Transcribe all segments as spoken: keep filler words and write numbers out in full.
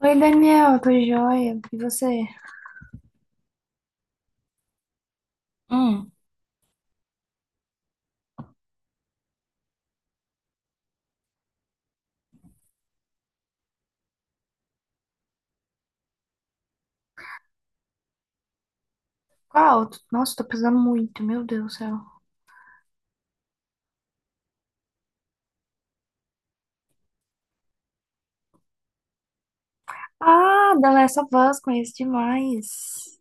Oi, Daniel, tô joia. E você? Hum. Qual? Nossa, tô precisando muito, meu Deus do céu. Ah, The Last of Us, conheço demais.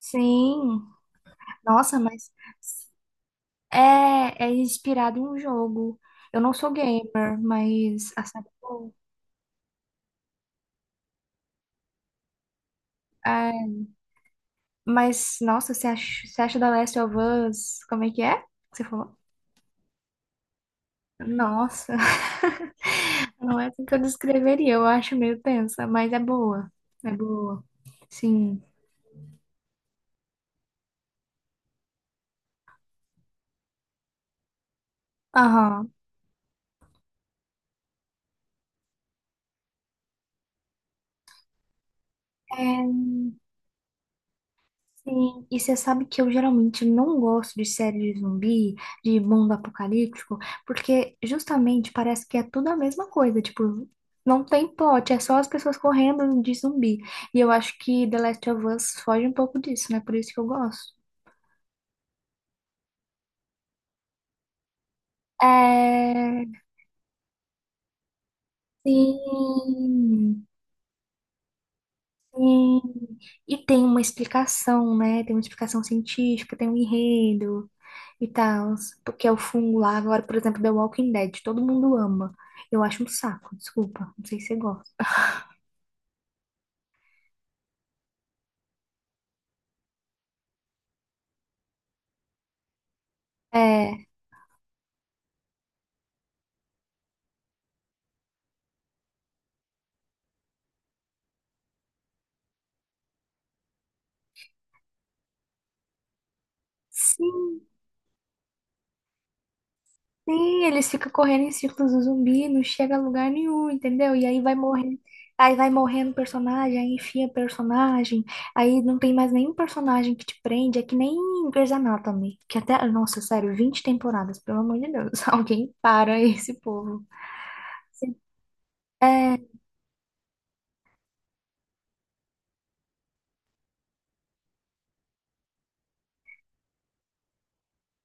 Sim. Nossa, mas é, é inspirado em um jogo. Eu não sou gamer, mas a série é boa. É, mas, nossa, você acha, você acha The Last of Us? Como é que é? Que Você falou? Nossa, não é assim que eu descreveria. Eu acho meio tensa, mas é boa. É boa. Sim. Aham. É, sim, e você sabe que eu geralmente não gosto de série de zumbi, de mundo apocalíptico, porque justamente parece que é tudo a mesma coisa, tipo, não tem plot, é só as pessoas correndo de zumbi. E eu acho que The Last of Us foge um pouco disso, né? Por isso que eu gosto. É, sim, sim. E tem uma explicação, né? Tem uma explicação científica, tem um enredo. E tal, porque é o fungo lá. Agora, por exemplo, The Walking Dead, todo mundo ama. Eu acho um saco, desculpa, não sei se você gosta. É, sim, sim, eles ficam correndo em círculos do zumbi, não chega a lugar nenhum, entendeu? E aí vai morrendo, aí vai morrendo personagem, aí enfia personagem, aí não tem mais nenhum personagem que te prende, é que nem Grey's Anatomy, que até, nossa, sério, vinte temporadas, pelo amor de Deus, alguém para esse povo. É,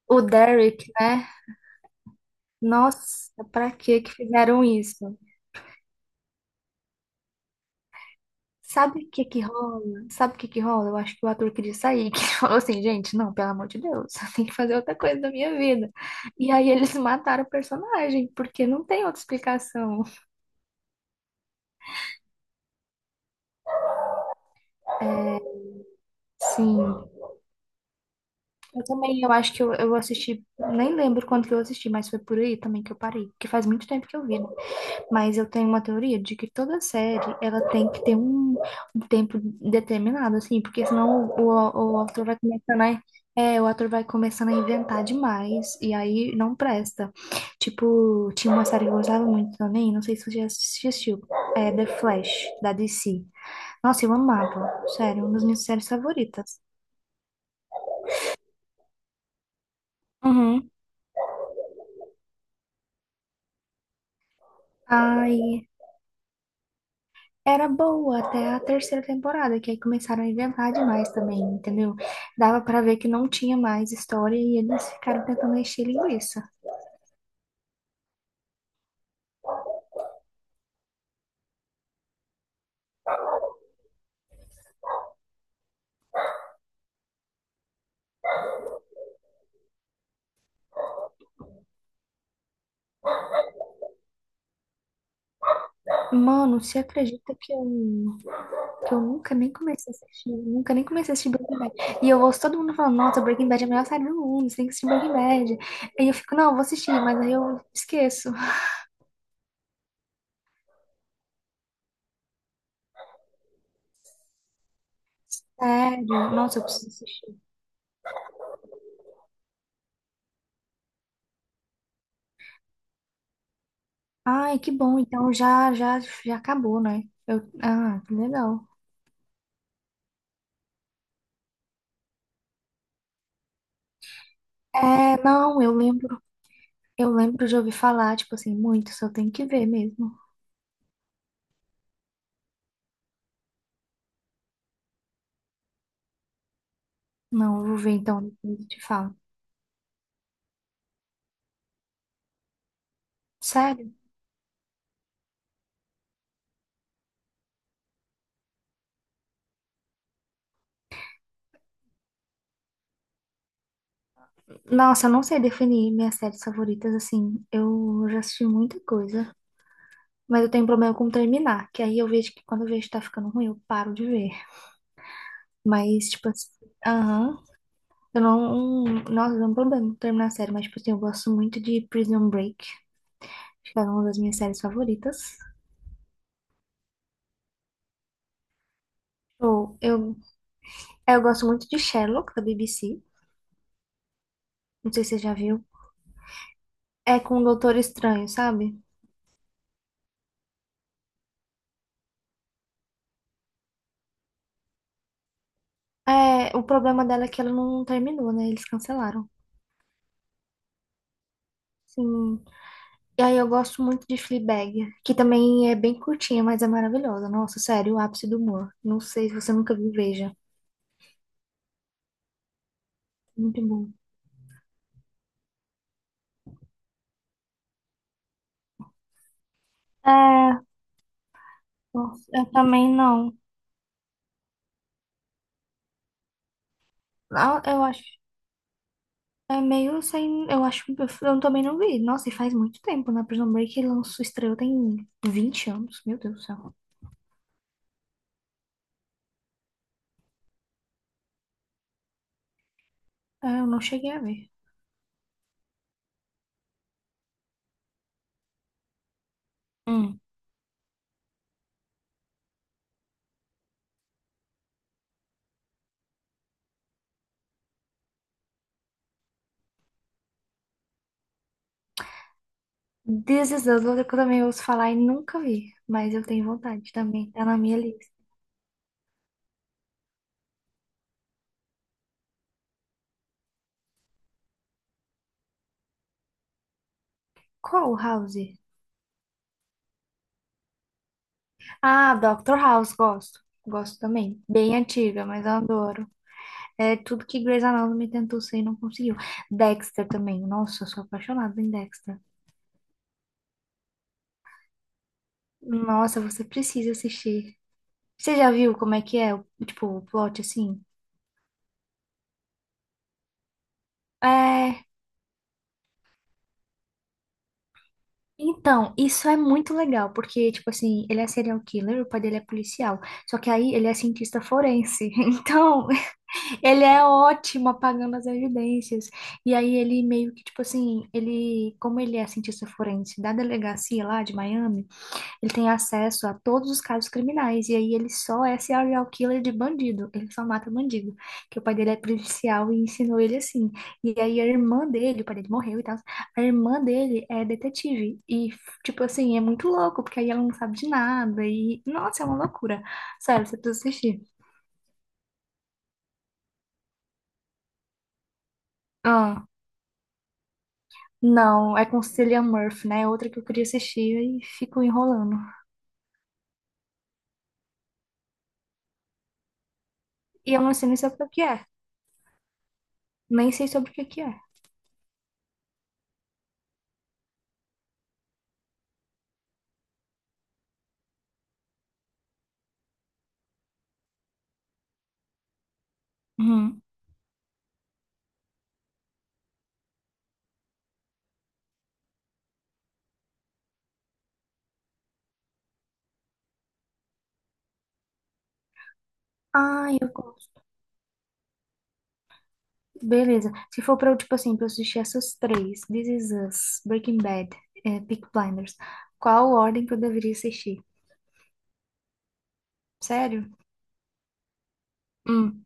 o Derek, né? Nossa, pra que que fizeram isso? Sabe o que que rola? Sabe o que que rola? Eu acho que o ator queria sair, que ele falou assim, gente, não, pelo amor de Deus, eu tenho que fazer outra coisa da minha vida. E aí eles mataram o personagem, porque não tem outra explicação. Sim, eu também, eu acho que eu, eu assisti, nem lembro quando que eu assisti, mas foi por aí também que eu parei, porque faz muito tempo que eu vi, né? Mas eu tenho uma teoria de que toda série ela tem que ter um, um tempo determinado, assim, porque senão o, o, o autor vai começando a, é, o ator vai começando a inventar demais e aí não presta. Tipo, tinha uma série que eu gostava muito também, não sei se você já assistiu, é The Flash, da D C. Nossa, eu amava, sério, uma das minhas séries favoritas. Uhum. Ai. Era boa até a terceira temporada, que aí começaram a inventar demais também, entendeu? Dava pra ver que não tinha mais história e eles ficaram tentando encher linguiça. Mano, você acredita que eu, que eu nunca nem comecei a assistir, nunca nem comecei a assistir Breaking Bad. E eu ouço todo mundo falando, nossa, Breaking Bad é a melhor série do mundo, você tem que assistir Breaking Bad. Aí eu fico, não, eu vou assistir, mas aí eu esqueço. Sério, nossa, eu preciso assistir. Ai, que bom, então já, já, já acabou, né? Eu, ah, que legal. É, não, eu lembro. Eu lembro de ouvir falar, tipo assim, muito, só tenho que ver mesmo. Não, eu vou ver então, depois eu te falo. Sério? Nossa, eu não sei definir minhas séries favoritas, assim. Eu já assisti muita coisa, mas eu tenho um problema com terminar, que aí eu vejo que quando eu vejo que tá ficando ruim, eu paro de ver. Mas, tipo assim, aham. Eu não. Nossa, eu tenho um problema com terminar a série, mas, tipo assim, eu gosto muito de Prison Break, acho que é uma das minhas séries favoritas. Ou eu, é, eu gosto muito de Sherlock, da B B C. Não sei se você já viu. É com o Doutor Estranho, sabe? É, o problema dela é que ela não terminou, né? Eles cancelaram. Sim. E aí eu gosto muito de Fleabag, que também é bem curtinha, mas é maravilhosa. Nossa, sério, o ápice do humor. Não sei se você nunca viu, veja. Muito bom. É, nossa, eu também não. Ah, eu acho. É meio sem. Eu acho. Eu eu também não vi. Nossa, e faz muito tempo, né? Prison Break lançou, estreou tem vinte anos. Meu Deus do céu. É, eu não cheguei a ver. This Is Us, outra que eu também ouço falar e nunca vi, mas eu tenho vontade também, tá na minha lista. Qual House? Ah, doutor House, gosto. Gosto também. Bem antiga, mas eu adoro. É tudo que Grey's Anatomy tentou ser e não conseguiu. Dexter também. Nossa, eu sou apaixonada em Dexter. Nossa, você precisa assistir. Você já viu como é que é, o- tipo, o plot assim? É. Então, isso é muito legal, porque, tipo assim, ele é serial killer, o pai dele é policial. Só que aí ele é cientista forense. Então, ele é ótimo apagando as evidências. E aí ele meio que, tipo assim, ele, como ele é cientista forense da delegacia lá de Miami, ele tem acesso a todos os casos criminais. E aí ele só é serial killer de bandido. Ele só mata bandido. Que o pai dele é policial e ensinou ele assim. E aí a irmã dele, o pai dele morreu e tal. A irmã dele é detetive. E, tipo assim, é muito louco, porque aí ela não sabe de nada. E, nossa, é uma loucura. Sério, você precisa assistir. Ah, não, é com Cillian Murphy, né? É outra que eu queria assistir e fico enrolando. E eu não sei nem sobre o que é. Nem sei sobre o que que é. Uhum. Ah, eu gosto. Beleza. Se for pra eu, tipo assim, pra eu assistir essas três, This Is Us, Breaking Bad, é, Peaky Blinders, qual ordem que eu deveria assistir? Sério? Hum,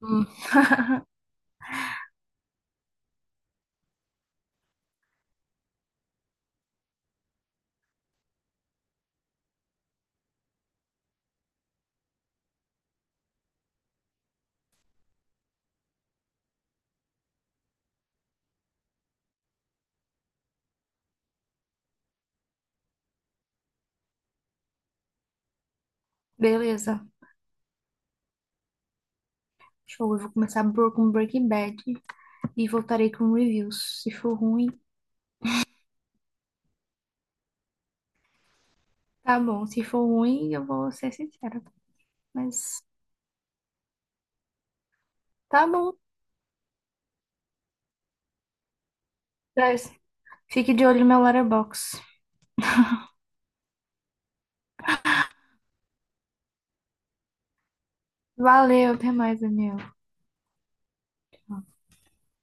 hum. Beleza. Show. Eu vou começar por- com Breaking Bad e voltarei com reviews. Se for ruim, tá bom. Se for ruim, eu vou ser sincera. Mas tá bom. Mas fique de olho no meu letterbox. Valeu, até mais, Daniel.